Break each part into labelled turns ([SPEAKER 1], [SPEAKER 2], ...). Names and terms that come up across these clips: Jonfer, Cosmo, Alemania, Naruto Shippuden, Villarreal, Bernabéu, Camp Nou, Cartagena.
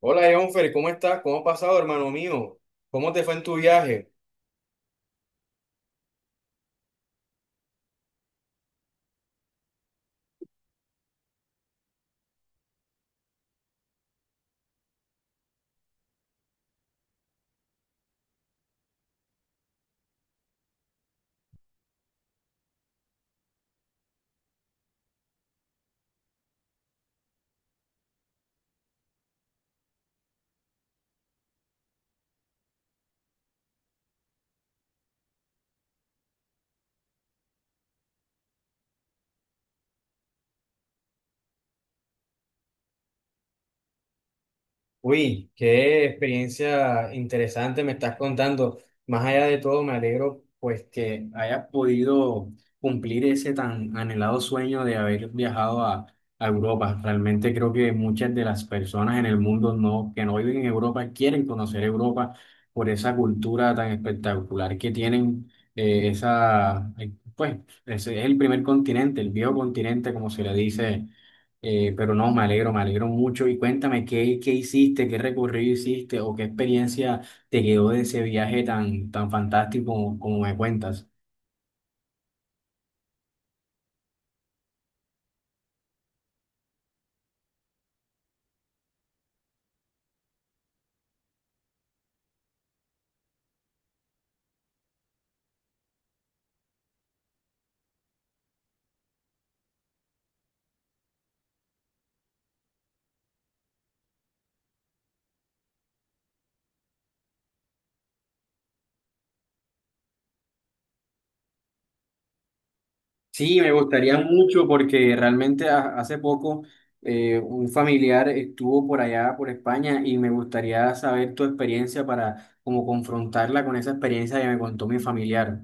[SPEAKER 1] Hola, Jonfer, ¿cómo estás? ¿Cómo has pasado, hermano mío? ¿Cómo te fue en tu viaje? Uy, qué experiencia interesante me estás contando. Más allá de todo, me alegro pues que hayas podido cumplir ese tan anhelado sueño de haber viajado a Europa. Realmente creo que muchas de las personas en el mundo no, que no viven en Europa quieren conocer Europa por esa cultura tan espectacular que tienen. Ese es el primer continente, el viejo continente, como se le dice. Pero no, me alegro mucho. Y cuéntame, qué hiciste, qué recorrido hiciste o qué experiencia te quedó de ese viaje tan fantástico como me cuentas? Sí, me gustaría mucho porque realmente hace poco un familiar estuvo por allá, por España, y me gustaría saber tu experiencia para como confrontarla con esa experiencia que me contó mi familiar.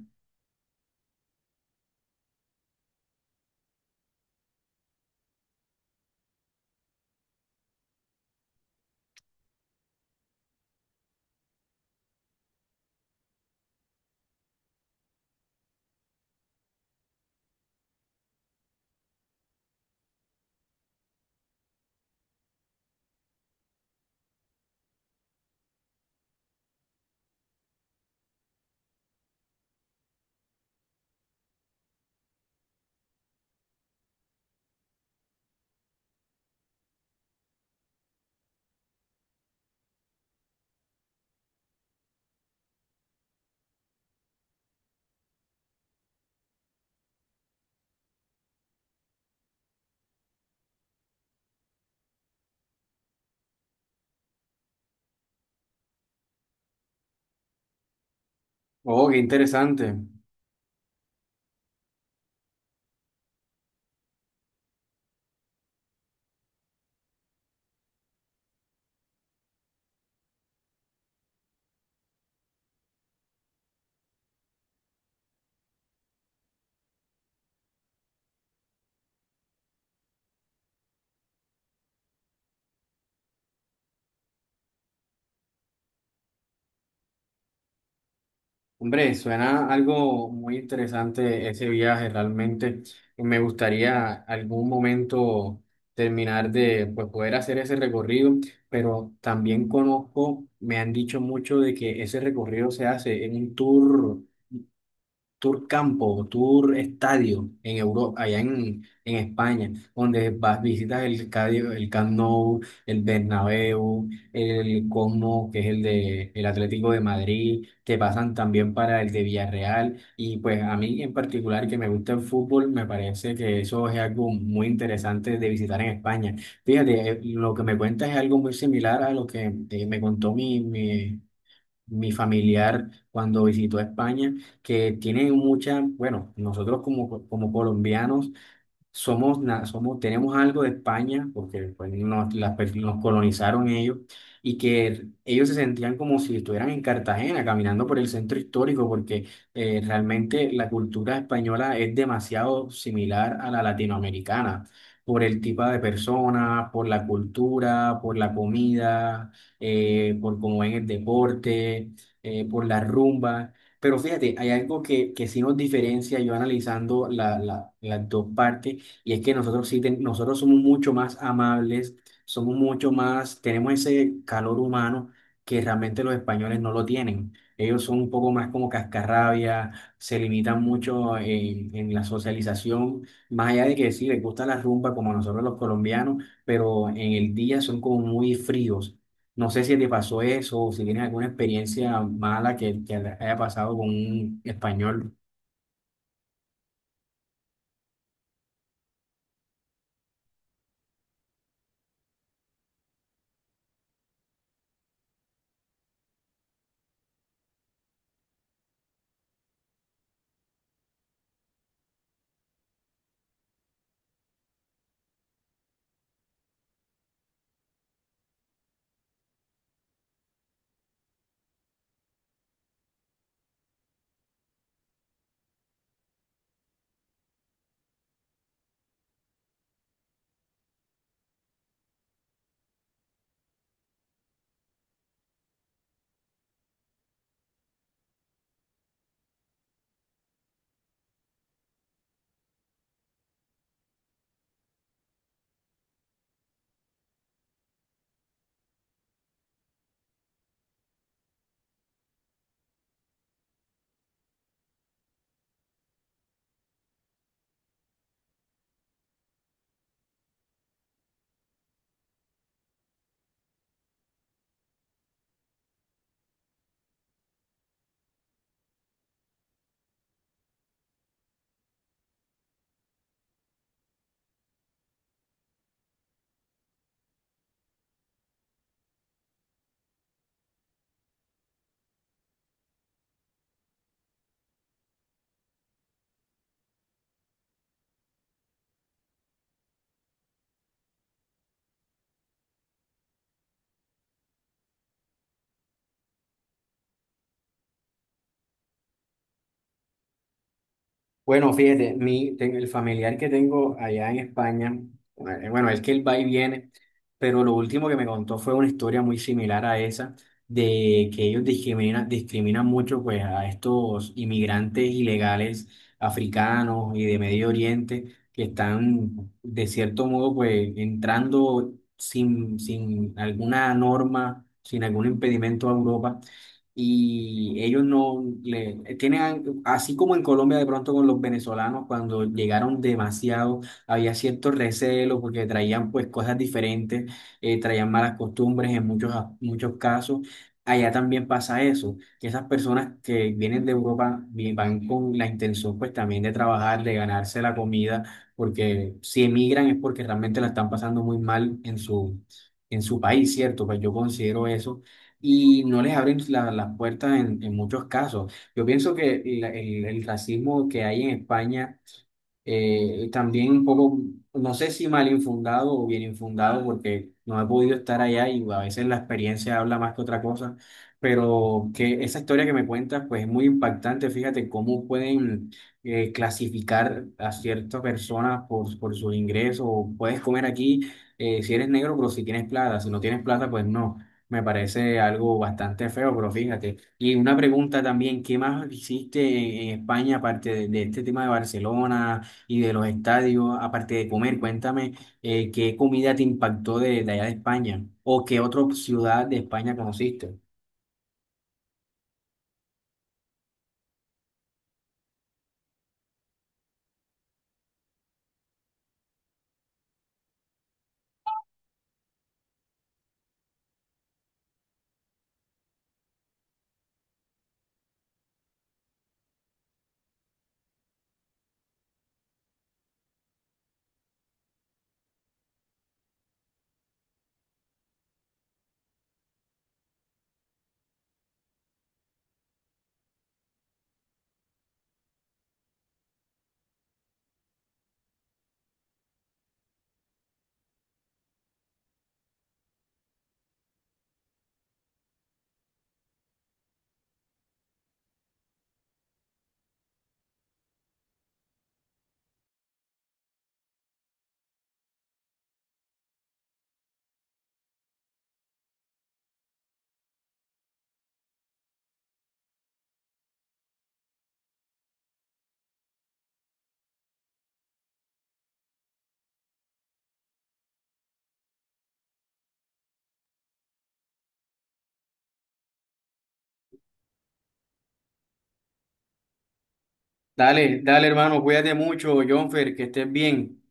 [SPEAKER 1] Oh, qué interesante. Hombre, suena algo muy interesante ese viaje realmente. Me gustaría algún momento terminar de pues, poder hacer ese recorrido, pero también conozco, me han dicho mucho de que ese recorrido se hace en un tour campo, tour estadio en Europa, allá en España, donde vas, visitas el estadio, el Camp Nou, el Bernabéu, el Cosmo, que es el de el Atlético de Madrid, te pasan también para el de Villarreal y pues a mí en particular que me gusta el fútbol, me parece que eso es algo muy interesante de visitar en España. Fíjate, lo que me cuentas es algo muy similar a lo que me contó mi familiar cuando visitó a España, que tiene mucha, bueno, nosotros como colombianos somos, tenemos algo de España, porque pues, nos, nos colonizaron ellos, y que ellos se sentían como si estuvieran en Cartagena, caminando por el centro histórico, porque realmente la cultura española es demasiado similar a la latinoamericana, por el tipo de personas, por la cultura, por la comida, por cómo ven el deporte, por la rumba. Pero fíjate, hay algo que sí nos diferencia, yo analizando las dos partes, y es que nosotros sí, nosotros somos mucho más amables, somos mucho más, tenemos ese calor humano que realmente los españoles no lo tienen. Ellos son un poco más como cascarrabia, se limitan mucho en la socialización, más allá de que sí, les gusta la rumba como a nosotros los colombianos, pero en el día son como muy fríos. No sé si te pasó eso o si tienes alguna experiencia mala que haya pasado con un español. Bueno, fíjate, el familiar que tengo allá en España, bueno, es que él va y viene, pero lo último que me contó fue una historia muy similar a esa, de que ellos discriminan, discriminan mucho pues a estos inmigrantes ilegales africanos y de Medio Oriente que están de cierto modo pues entrando sin alguna norma, sin algún impedimento a Europa y ellos no le tienen, así como en Colombia de pronto con los venezolanos, cuando llegaron demasiado, había cierto recelo porque traían pues cosas diferentes, traían malas costumbres en muchos, muchos casos. Allá también pasa eso, que esas personas que vienen de Europa van con la intención pues también de trabajar, de ganarse la comida, porque si emigran es porque realmente la están pasando muy mal en su país, ¿cierto? Pues yo considero eso y no les abren las puertas en muchos casos. Yo pienso que el racismo que hay en España también un poco, no sé si mal infundado o bien infundado, porque no he podido estar allá y a veces la experiencia habla más que otra cosa, pero que esa historia que me cuentas pues es muy impactante, fíjate cómo pueden clasificar a ciertas personas por sus ingresos, puedes comer aquí si eres negro, pero si tienes plata, si no tienes plata, pues no. Me parece algo bastante feo, pero fíjate. Y una pregunta también, ¿qué más hiciste en España aparte de este tema de Barcelona y de los estadios, aparte de comer? Cuéntame, ¿qué comida te impactó de allá de España? ¿O qué otra ciudad de España conociste? Dale, dale hermano, cuídate mucho, Jonfer, que estés bien.